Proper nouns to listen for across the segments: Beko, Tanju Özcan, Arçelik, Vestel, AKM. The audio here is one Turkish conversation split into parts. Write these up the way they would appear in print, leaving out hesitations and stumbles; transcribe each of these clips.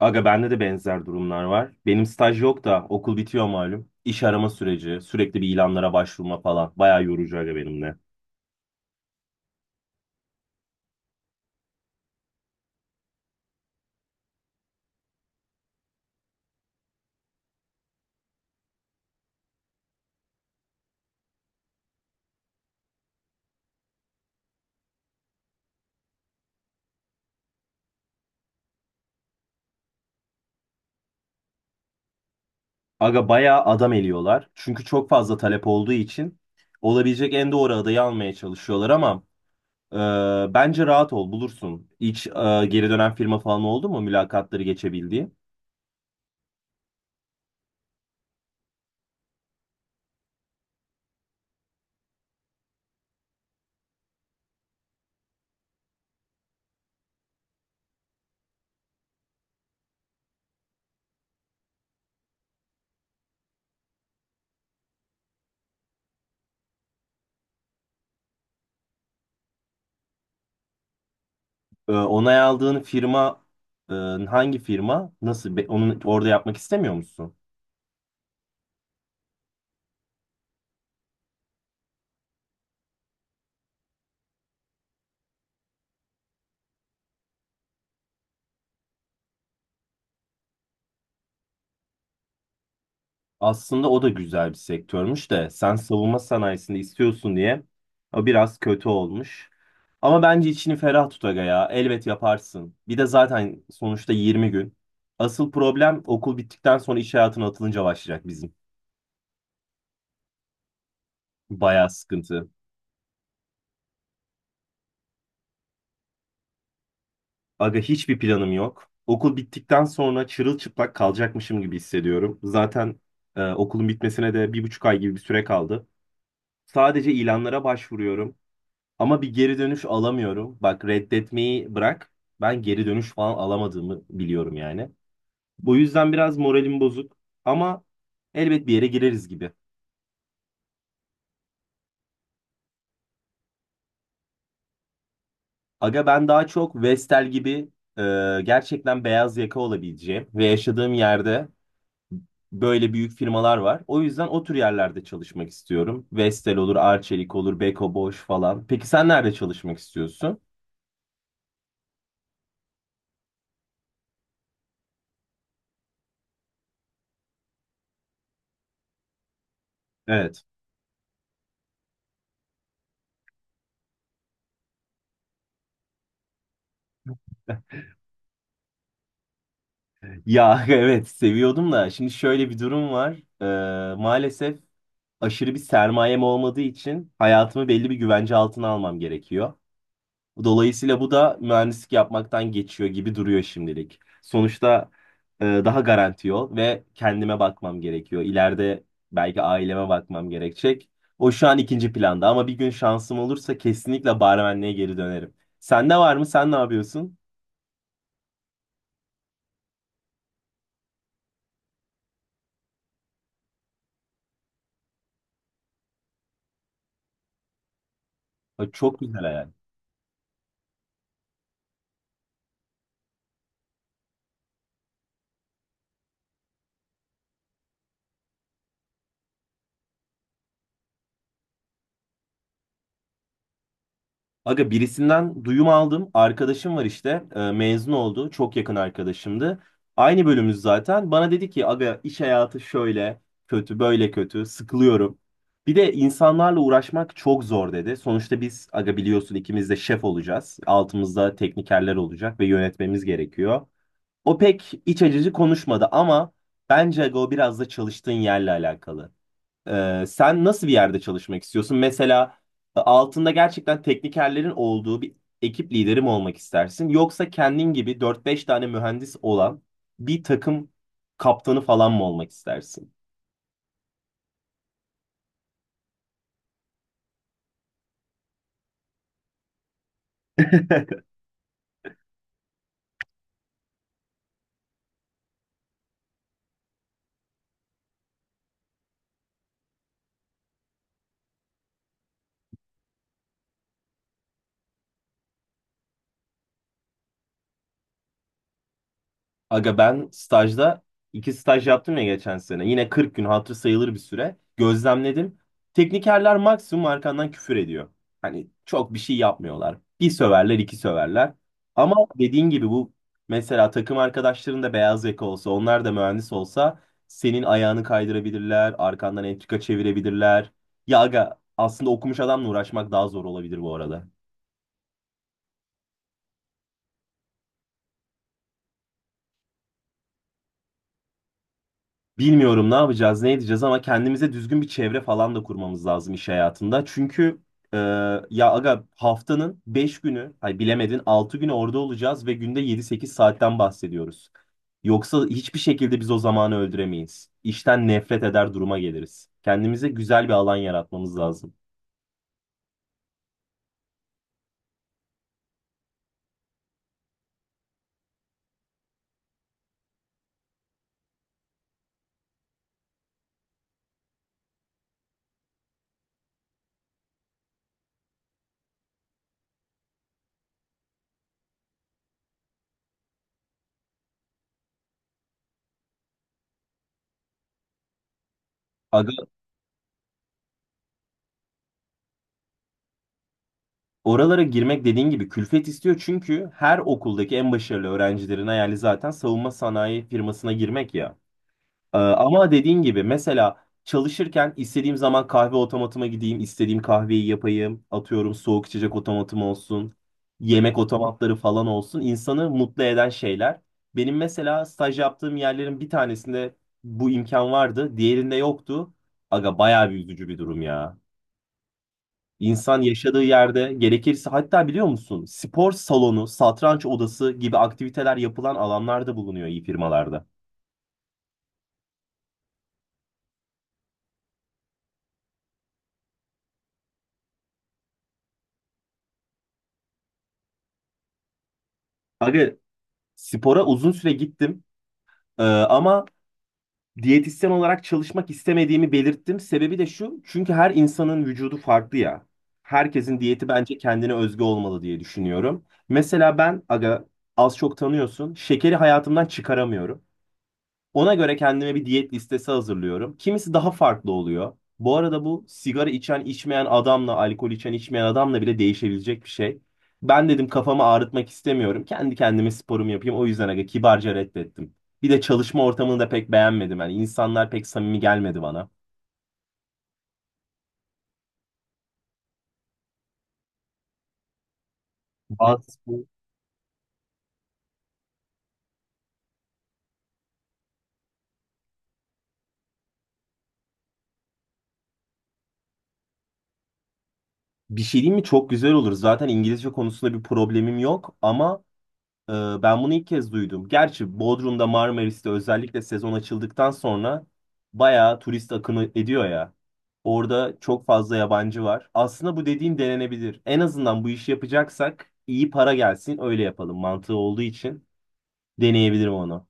Aga bende de benzer durumlar var. Benim staj yok da okul bitiyor malum. İş arama süreci, sürekli bir ilanlara başvurma falan. Bayağı yorucu aga benim de. Aga bayağı adam eliyorlar. Çünkü çok fazla talep olduğu için olabilecek en doğru adayı almaya çalışıyorlar ama bence rahat ol bulursun. Hiç geri dönen firma falan oldu mu mülakatları geçebildiği? Onay aldığın firma e, hangi firma? Nasıl? Onu orada yapmak istemiyor musun? Aslında o da güzel bir sektörmüş de sen savunma sanayisini istiyorsun diye o biraz kötü olmuş. Ama bence içini ferah tut aga ya. Elbet yaparsın. Bir de zaten sonuçta 20 gün. Asıl problem okul bittikten sonra iş hayatına atılınca başlayacak bizim. Bayağı sıkıntı. Aga hiçbir planım yok. Okul bittikten sonra çırılçıplak kalacakmışım gibi hissediyorum. Zaten okulun bitmesine de 1,5 ay gibi bir süre kaldı. Sadece ilanlara başvuruyorum. Ama bir geri dönüş alamıyorum. Bak reddetmeyi bırak. Ben geri dönüş falan alamadığımı biliyorum yani. Bu yüzden biraz moralim bozuk. Ama elbet bir yere gireriz gibi. Aga ben daha çok Vestel gibi e, gerçekten beyaz yaka olabileceğim ve yaşadığım yerde böyle büyük firmalar var. O yüzden o tür yerlerde çalışmak istiyorum. Vestel olur, Arçelik olur, Beko Boş falan. Peki sen nerede çalışmak istiyorsun? Evet. Ya evet seviyordum da şimdi şöyle bir durum var. Maalesef aşırı bir sermayem olmadığı için hayatımı belli bir güvence altına almam gerekiyor. Dolayısıyla bu da mühendislik yapmaktan geçiyor gibi duruyor şimdilik. Sonuçta daha garanti yol ve kendime bakmam gerekiyor. İleride belki aileme bakmam gerekecek. O şu an ikinci planda ama bir gün şansım olursa kesinlikle barmenliğe geri dönerim. Sende var mı? Sen ne yapıyorsun? Ay, çok güzel hayal. Aga birisinden duyum aldım. Arkadaşım var işte. Mezun oldu. Çok yakın arkadaşımdı. Aynı bölümümüz zaten. Bana dedi ki aga iş hayatı şöyle kötü, böyle kötü. Sıkılıyorum. Bir de insanlarla uğraşmak çok zor dedi. Sonuçta biz aga biliyorsun ikimiz de şef olacağız. Altımızda teknikerler olacak ve yönetmemiz gerekiyor. O pek iç acıcı konuşmadı ama bence aga o biraz da çalıştığın yerle alakalı. Sen nasıl bir yerde çalışmak istiyorsun? Mesela altında gerçekten teknikerlerin olduğu bir ekip lideri mi olmak istersin? Yoksa kendin gibi dört beş tane mühendis olan bir takım kaptanı falan mı olmak istersin? Aga ben stajda iki staj yaptım ya geçen sene. Yine 40 gün hatır sayılır bir süre. Gözlemledim. Teknikerler maksimum arkandan küfür ediyor. Hani çok bir şey yapmıyorlar. Bir söverler, iki söverler. Ama dediğin gibi bu mesela takım arkadaşların da beyaz yaka olsa, onlar da mühendis olsa senin ayağını kaydırabilirler, arkandan entrika çevirebilirler. Ya aga aslında okumuş adamla uğraşmak daha zor olabilir bu arada. Bilmiyorum ne yapacağız, ne edeceğiz ama kendimize düzgün bir çevre falan da kurmamız lazım iş hayatında. Çünkü e, ya aga haftanın 5 günü, ay bilemedin 6 günü orada olacağız ve günde 7-8 saatten bahsediyoruz. Yoksa hiçbir şekilde biz o zamanı öldüremeyiz. İşten nefret eder duruma geliriz. Kendimize güzel bir alan yaratmamız lazım. Aga oralara girmek dediğin gibi külfet istiyor çünkü her okuldaki en başarılı öğrencilerin hayali zaten savunma sanayi firmasına girmek ya. Ama dediğin gibi mesela çalışırken istediğim zaman kahve otomatıma gideyim, istediğim kahveyi yapayım. Atıyorum soğuk içecek otomatım olsun, yemek otomatları falan olsun. İnsanı mutlu eden şeyler. Benim mesela staj yaptığım yerlerin bir tanesinde bu imkan vardı, diğerinde yoktu. Aga bayağı bir üzücü bir durum ya. İnsan yaşadığı yerde gerekirse hatta biliyor musun spor salonu, satranç odası gibi aktiviteler yapılan alanlarda bulunuyor iyi firmalarda. Aga spora uzun süre gittim. Ama diyetisyen olarak çalışmak istemediğimi belirttim. Sebebi de şu, çünkü her insanın vücudu farklı ya. Herkesin diyeti bence kendine özgü olmalı diye düşünüyorum. Mesela ben aga az çok tanıyorsun, şekeri hayatımdan çıkaramıyorum. Ona göre kendime bir diyet listesi hazırlıyorum. Kimisi daha farklı oluyor. Bu arada bu sigara içen içmeyen adamla, alkol içen içmeyen adamla bile değişebilecek bir şey. Ben dedim kafamı ağrıtmak istemiyorum. Kendi kendime sporumu yapayım. O yüzden aga kibarca reddettim. Bir de çalışma ortamını da pek beğenmedim. Yani insanlar pek samimi gelmedi bana. Bazı- Bir şey diyeyim mi? Çok güzel olur. Zaten İngilizce konusunda bir problemim yok ama Ee, Ben bunu ilk kez duydum. Gerçi Bodrum'da Marmaris'te özellikle sezon açıldıktan sonra bayağı turist akını ediyor ya. Orada çok fazla yabancı var. Aslında bu dediğin denenebilir. En azından bu işi yapacaksak iyi para gelsin öyle yapalım. Mantığı olduğu için deneyebilirim onu.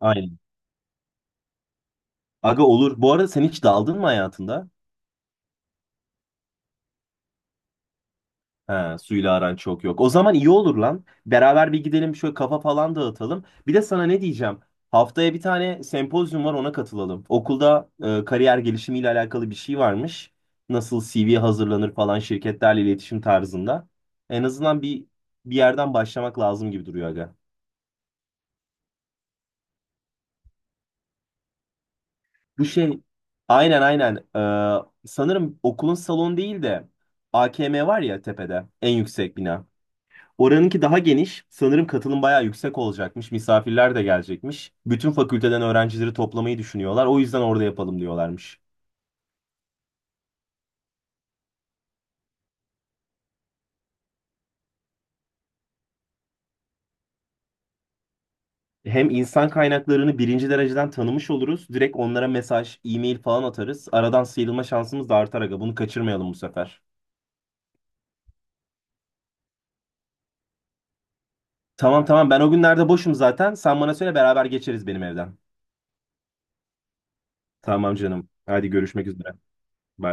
Aynen. Aga olur. Bu arada sen hiç daldın mı hayatında? He, suyla aran çok yok. O zaman iyi olur lan. Beraber bir gidelim şöyle kafa falan dağıtalım. Bir de sana ne diyeceğim? Haftaya bir tane sempozyum var ona katılalım. Okulda kariyer gelişimiyle alakalı bir şey varmış. Nasıl CV hazırlanır falan şirketlerle iletişim tarzında. En azından bir yerden başlamak lazım gibi duruyor aga. Bu şey aynen aynen. Sanırım okulun salonu değil de AKM var ya tepede en yüksek bina. Oranınki daha geniş. Sanırım katılım bayağı yüksek olacakmış. Misafirler de gelecekmiş. Bütün fakülteden öğrencileri toplamayı düşünüyorlar. O yüzden orada yapalım diyorlarmış. Hem insan kaynaklarını birinci dereceden tanımış oluruz. Direkt onlara mesaj, e-mail falan atarız. Aradan sıyrılma şansımız da artar aga. Bunu kaçırmayalım bu sefer. Tamam tamam ben o günlerde boşum zaten. Sen bana söyle beraber geçeriz benim evden. Tamam canım. Hadi görüşmek üzere. Bay bay.